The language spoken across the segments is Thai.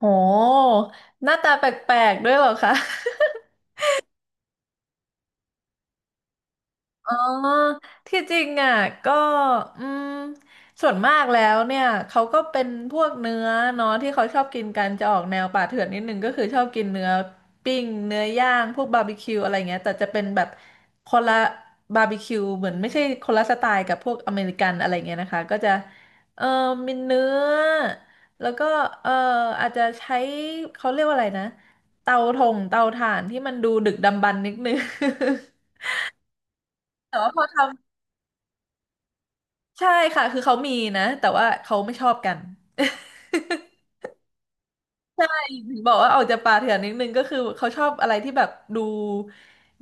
โหหน้าตาแปลกๆด้วยเหรอคะ อ๋อที่จริงอ่ะก็อืมส่วนมากแล้วเนี่ยเขาก็เป็นพวกเนื้อเนาะที่เขาชอบกินกันจะออกแนวป่าเถื่อนนิดนึงก็คือชอบกินเนื้อปิ้งเนื้อย่างพวกบาร์บีคิวอะไรเงี้ยแต่จะเป็นแบบคนละบาร์บีคิวเหมือนไม่ใช่คนละสไตล์กับพวกอเมริกันอะไรเงี้ยนะคะก็จะเออมีเนื้อแล้วก็เอออาจจะใช้เขาเรียกว่าอะไรนะเตาถงเตาถ่านที่มันดูดึกดำบรรพ์นิดนึงแต่ว่าพอทำ ใช่ค่ะคือเขามีนะแต่ว่าเขาไม่ชอบกัน ใช่ถึงบอกว่าออกจากป่าเถื่อนนิดนึงก็คือเขาชอบอะไรที่แบบดู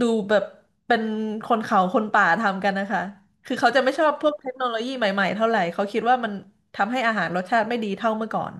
ดูแบบเป็นคนเขาคนป่าทำกันนะคะคือเขาจะไม่ชอบพวกเทคโนโลยีใหม่ๆเท่าไหร่เขาคิดว่ามันทำให้อาหารรสชาติไม่ดีเท่าเมื่อก่อน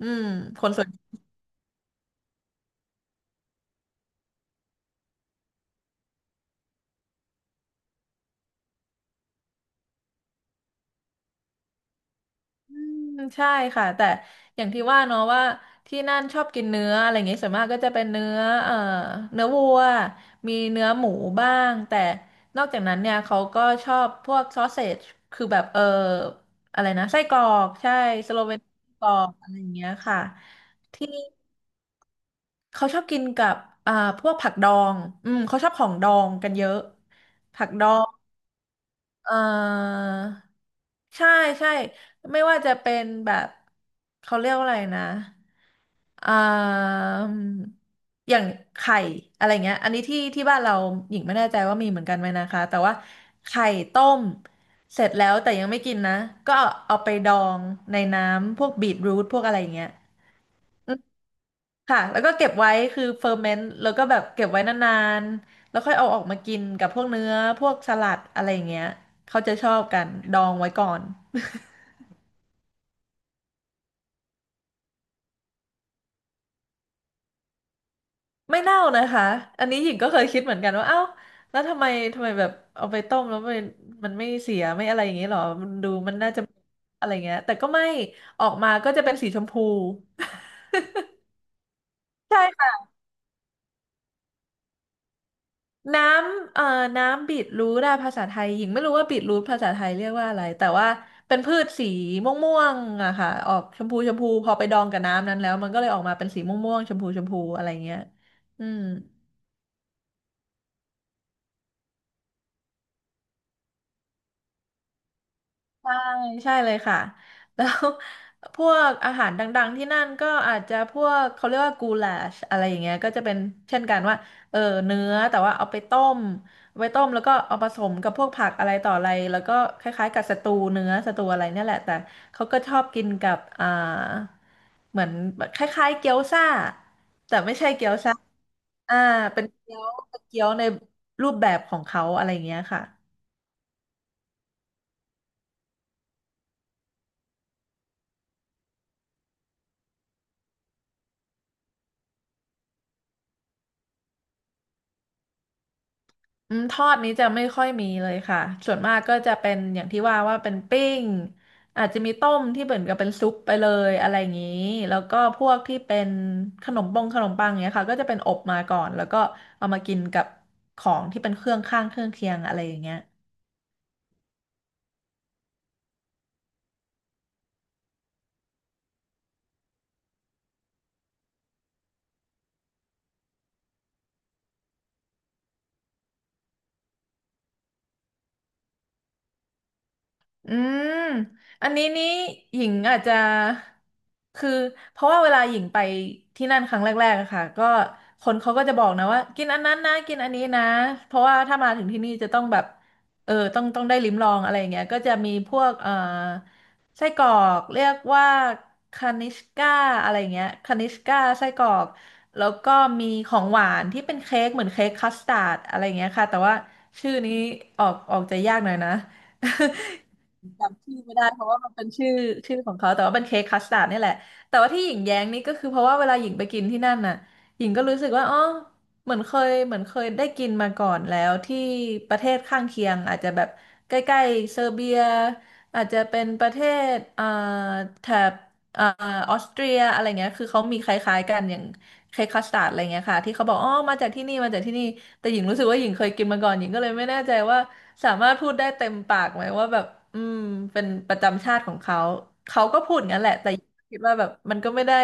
อืมคนส่วน อืมใช่ค่ะแต่อย่างที่ว่าเนาะว่าที่นั่นชอบกินเนื้ออะไรอย่างเงี้ยส่วนมากก็จะเป็นเนื้อเนื้อวัวมีเนื้อหมูบ้างแต่นอกจากนั้นเนี่ยเขาก็ชอบพวกซอสเซจคือแบบอะไรนะไส้กรอกใช่สโลเวนไส้กรอกอะไรอย่างเงี้ยค่ะที่เขาชอบกินกับอ่าพวกผักดองอืมเขาชอบของดองกันเยอะผักดอง เออใช่ใช่ไม่ว่าจะเป็นแบบเขาเรียกว่าอะไรนะอ่ามอย่างไข่อะไรเงี้ยอันนี้ที่บ้านเราหญิงไม่แน่ใจว่ามีเหมือนกันไหมนะคะแต่ว่าไข่ต้มเสร็จแล้วแต่ยังไม่กินนะก็เอาไปดองในน้ำพวกบีทรูทพวกอะไรอย่างเงี้ย ค่ะแล้วก็เก็บไว้คือเฟอร์เมนต์แล้วก็แบบเก็บไว้นานๆแล้วค่อยเอาออกมากินกับพวกเนื้อพวกสลัดอะไรอย่างเงี้ยเขาจะชอบกันดองไว้ก่อน ไม่เน่านะคะอันนี้หญิงก็เคยคิดเหมือนกันว่าเอ้าแล้วทำไมทำไมแบบเอาไปต้มแล้วมันไม่เสียไม่อะไรอย่างเงี้ยหรอมันดูมันน่าจะอะไรเงี้ยแต่ก็ไม่ออกมาก็จะเป็นสีชมพู ใช่ค่ะ น้ำน้ำบีทรูทอะภาษาไทยหญิงไม่รู้ว่าบีทรูทภาษาไทยเรียกว่าอะไรแต่ว่าเป็นพืชสีม่วงๆอะค่ะออกชมพูชมพูพอไปดองกับน้ำนั้นแล้วมันก็เลยออกมาเป็นสีม่วงๆชมพูชมพูอะไรเงี้ยอืม ใช่ใช่เลยค่ะ แล้วพวกอาหารดังๆที่นั่นก็อาจจะพวกเขาเรียกว่ากูลาชอะไรอย่างเงี้ยก็จะเป็นเช่นกันว่าเออเนื้อแต่ว่าเอาไปต้มแล้วก็เอาผสมกับพวกผักอะไรต่ออะไรแล้วก็คล้ายๆกับสตูเนื้อสตูอะไรเนี่ยแหละแต่เขาก็ชอบกินกับเหมือนคล้ายๆเกี๊ยวซ่าแต่ไม่ใช่เกี๊ยวซ่าอ่าเป็นเกี๊ยวในรูปแบบของเขาอะไรอย่างเงี้ยค่ะ อืมทอดนี้จะไม่ค่อยมีเลยค่ะ ส่วนมากก็จะเป็นอย่างที่ว่าเป็นปิ้งอาจจะมีต้มที่เหมือนกับเป็นซุปไปเลยอะไรอย่างนี้แล้วก็พวกที่เป็นขนมปงขนมปังเนี้ยค่ะ ก็จะเป็นอบมาก่อนแล้วก็เอามากินกับของที่เป็นเครื่องข้างเครื่องเคียงอะไรอย่างเงี้ย อืมอันนี้นี่หญิงอาจจะคือเพราะว่าเวลาหญิงไปที่นั่นครั้งแรกๆอะค่ะก็คนเขาก็จะบอกนะว่ากินอันนั้นนะกินอันนี้นะเพราะว่าถ้ามาถึงที่นี่จะต้องแบบต้องได้ลิ้มลองอะไรอย่างเงี้ยก็จะมีพวกไส้กรอกเรียกว่าคานิชก้าอะไรอย่างเงี้ยคานิชก้าไส้กรอกแล้วก็มีของหวานที่เป็นเค้กเหมือนเค้กคัสตาร์ดอะไรอย่างเงี้ยค่ะแต่ว่าชื่อนี้ออกจะยากหน่อยนะ จำชื่อไม่ได้เพราะว่ามันเป็นชื่อของเขาแต่ว่าเป็นเค้กคัสตาร์ดนี่แหละแต่ว่าที่หญิงแย้งนี่ก็คือเพราะว่าเวลาหญิงไปกินที่นั่นน่ะหญิงก็รู้สึกว่าอ๋อเหมือนเคยได้กินมาก่อนแล้วที่ประเทศข้างเคียงอาจจะแบบใกล้ๆเซอร์เบียอาจจะเป็นประเทศแถบ เอ่อออสเตรียอะไรเงี้ยคือเขามีคล้ายๆกันอย่างเค้กคัสตาร์ดอะไรเงี้ยค่ะที่เขาบอกอ๋อมาจากที่นี่มาจากที่นี่แต่หญิงรู้สึกว่าหญิงเคยกินมาก่อนหญิงก็เลยไม่แน่ใจว่าสามารถพูดได้เต็มปากไหมว่าแบบอืมเป็นประจำชาติของเขาเขาก็พูดงั้นแหละแต่หญิงคิดว่าแบบมันก็ไม่ได้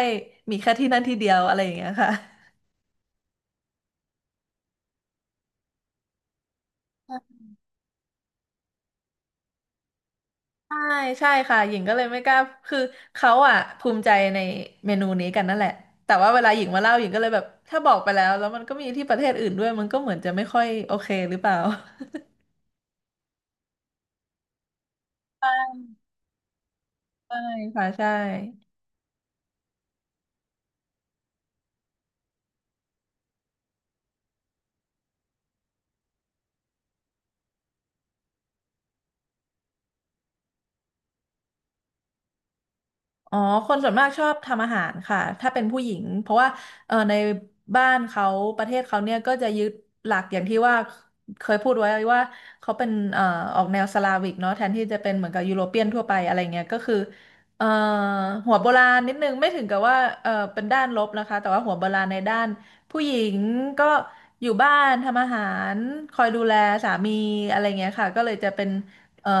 มีแค่ที่นั่นที่เดียวอะไรอย่างเงี้ยค่ะ ใช่ใช่ค่ะหญิงก็เลยไม่กล้าคือเขาอ่ะภูมิใจในเมนูนี้กันนั่นแหละแต่ว่าเวลาหญิงมาเล่าหญิงก็เลยแบบถ้าบอกไปแล้วแล้วมันก็มีที่ประเทศอื่นด้วยมันก็เหมือนจะไม่ค่อยโอเคหรือเปล่า ใช่ค่ะใช่ อ๋อคนส่วนมากชอบทำอาหารค่ะถ้าเป็นผู้หญิงเพราะว่าเออในบ้านเขาประเทศเขาเนี่ยก็จะยึดหลักอย่างที่ว่าเคยพูดไว้ว่าเขาเป็นออกแนวสลาวิกเนาะแทนที่จะเป็นเหมือนกับยุโรเปียนทั่วไปอะไรเงี้ยก็คือเอ่อหัวโบราณนิดนึงไม่ถึงกับว่าเออเป็นด้านลบนะคะแต่ว่าหัวโบราณในด้านผู้หญิงก็อยู่บ้านทำอาหารคอยดูแลสามีอะไรเงี้ยค่ะก็เลยจะเป็นเอ่อ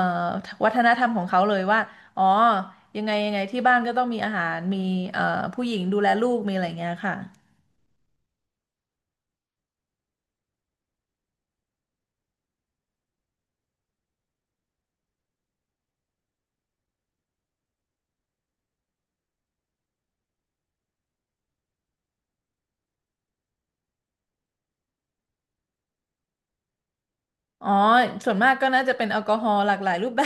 วัฒนธรรมของเขาเลยว่าอ๋อ ยังไงยังไงที่บ้านก็ต้องมีอาหารมีเอ่อผู้หญิงดูแลลูกมีอะไรเงี้ยค่ะอ๋อส่วนมากก็น่าจะเป็นแอลกอฮอล์หลากหลายรูปแบ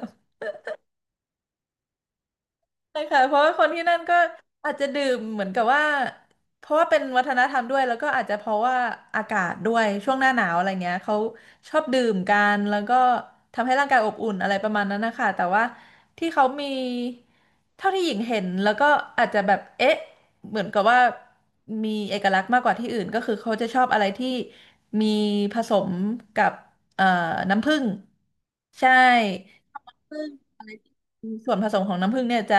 บ ใช่ค่ะเพราะว่าคนที่นั่นก็อาจจะดื่มเหมือนกับว่าเพราะว่าเป็นวัฒนธรรมด้วยแล้วก็อาจจะเพราะว่าอากาศด้วยช่วงหน้าหนาวอะไรเงี้ยเขาชอบดื่มกันแล้วก็ทำให้ร่างกายอบอุ่นอะไรประมาณนั้นนะคะแต่ว่าที่เขามีเท่าที่หญิงเห็นแล้วก็อาจจะแบบเอ๊ะเหมือนกับว่ามีเอกลักษณ์มากกว่าที่อื่นก็คือเขาจะชอบอะไรที่มีผสมกับเอ่อน้ำผึ้งใช่ ซึ่งอะไรที่ส่วนผสมของน้ำผึ้งเนี่ยจะ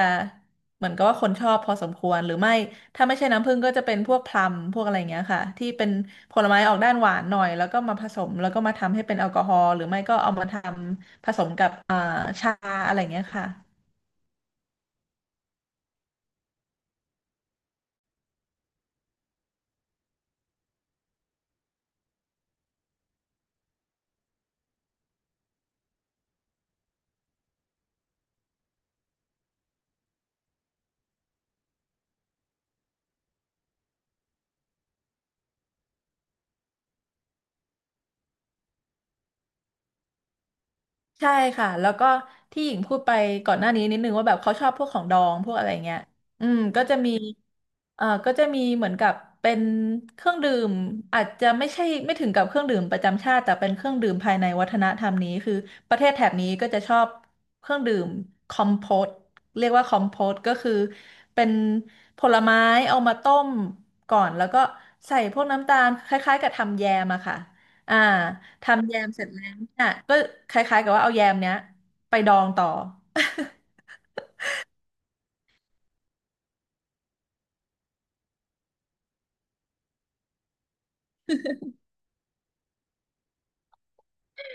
เหมือนกับว่าคนชอบพอสมควรหรือไม่ถ้าไม่ใช่น้ำผึ้งก็จะเป็นพวกพลัมพวกอะไรอย่างเงี้ยค่ะที่เป็นผลไม้ออกด้านหวานหน่อยแล้วก็มาผสมแล้วก็มาทำให้เป็นแอลกอฮอล์หรือไม่ก็เอามาทำผสมกับชาอะไรอย่างเงี้ยค่ะ ใช่ค่ะแล้วก็ที่หญิงพูดไปก่อนหน้านี้นิดนึงว่าแบบเขาชอบพวกของดองพวกอะไรเงี้ยอืมก็จะมีก็จะมีเหมือนกับเป็นเครื่องดื่มอาจจะไม่ใช่ไม่ถึงกับเครื่องดื่มประจำชาติแต่เป็นเครื่องดื่มภายในวัฒนธรรมนี้คือประเทศแถบนี้ก็จะชอบเครื่องดื่มคอมโพตเรียกว่าคอมโพตก็คือเป็นผลไม้เอามาต้มก่อนแล้วก็ใส่พวกน้ำตาลคล้ายๆกับทำแยมอะค่ะ อ่าทำแยมเสร็จแล้วเนี่ยก็คล้ายๆกับว่าเอาแยมเนี้ยไปดองต่อ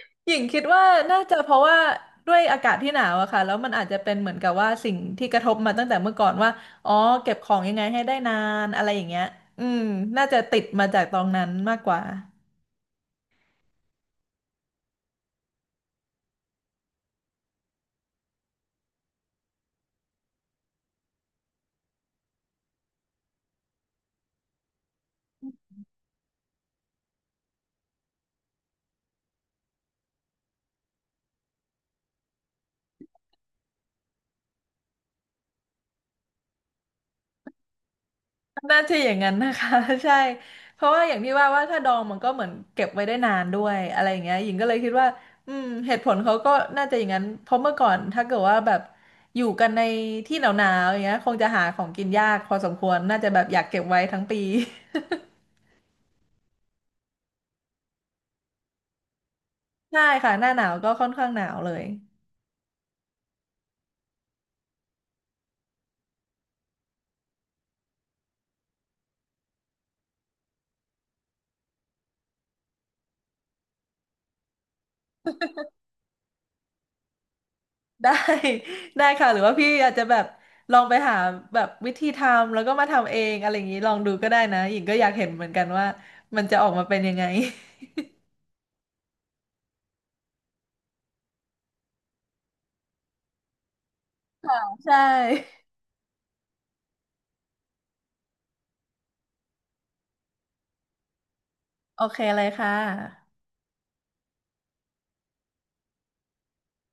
หญิงคิดว่าน่าจะเพราะว่าด้วยอากาศที่หนาวอะค่ะแล้วมันอาจจะเป็นเหมือนกับว่าสิ่งที่กระทบมาตั้งแต่เมื่อก่อนว่าอ๋อเก็บของยังไงให้ได้นานอะไรอย่างเงี้ยอืมน่าจะติดมาจากตอนนั้นมากกว่า น่าจะอย่างนั้นนะคะ ใช่เพราะว่าอย่างที่ว่าว่าถ้าดองมันก็เหมือนเก็บไว้ได้นานด้วยอะไรอย่างเงี้ยหญิงก็เลยคิดว่าอืมเหตุผลเขาก็น่าจะอย่างนั้นเพราะเมื่อก่อนถ้าเกิดว่าแบบอยู่กันในที่หนาวๆอย่างเงี้ยคงจะหาของกินยากพอสมควรน่าจะแบบอยากเก็บไว้ทั้งปี ใช่ค่ะหน้าหนาวก็ค่อนข้างหนาวเลย ได้ ได้ค่ะหรือว่าพี่อาจจะแบบลองไปหาแบบวิธีทำแล้วก็มาทำเองอะไรอย่างนี้ลองดูก็ได้นะหญิงก็อยากเห็นเหมือนกันว่ามันจะออกมาเป็นยังไง ใช่ โอเคเลยค่ะ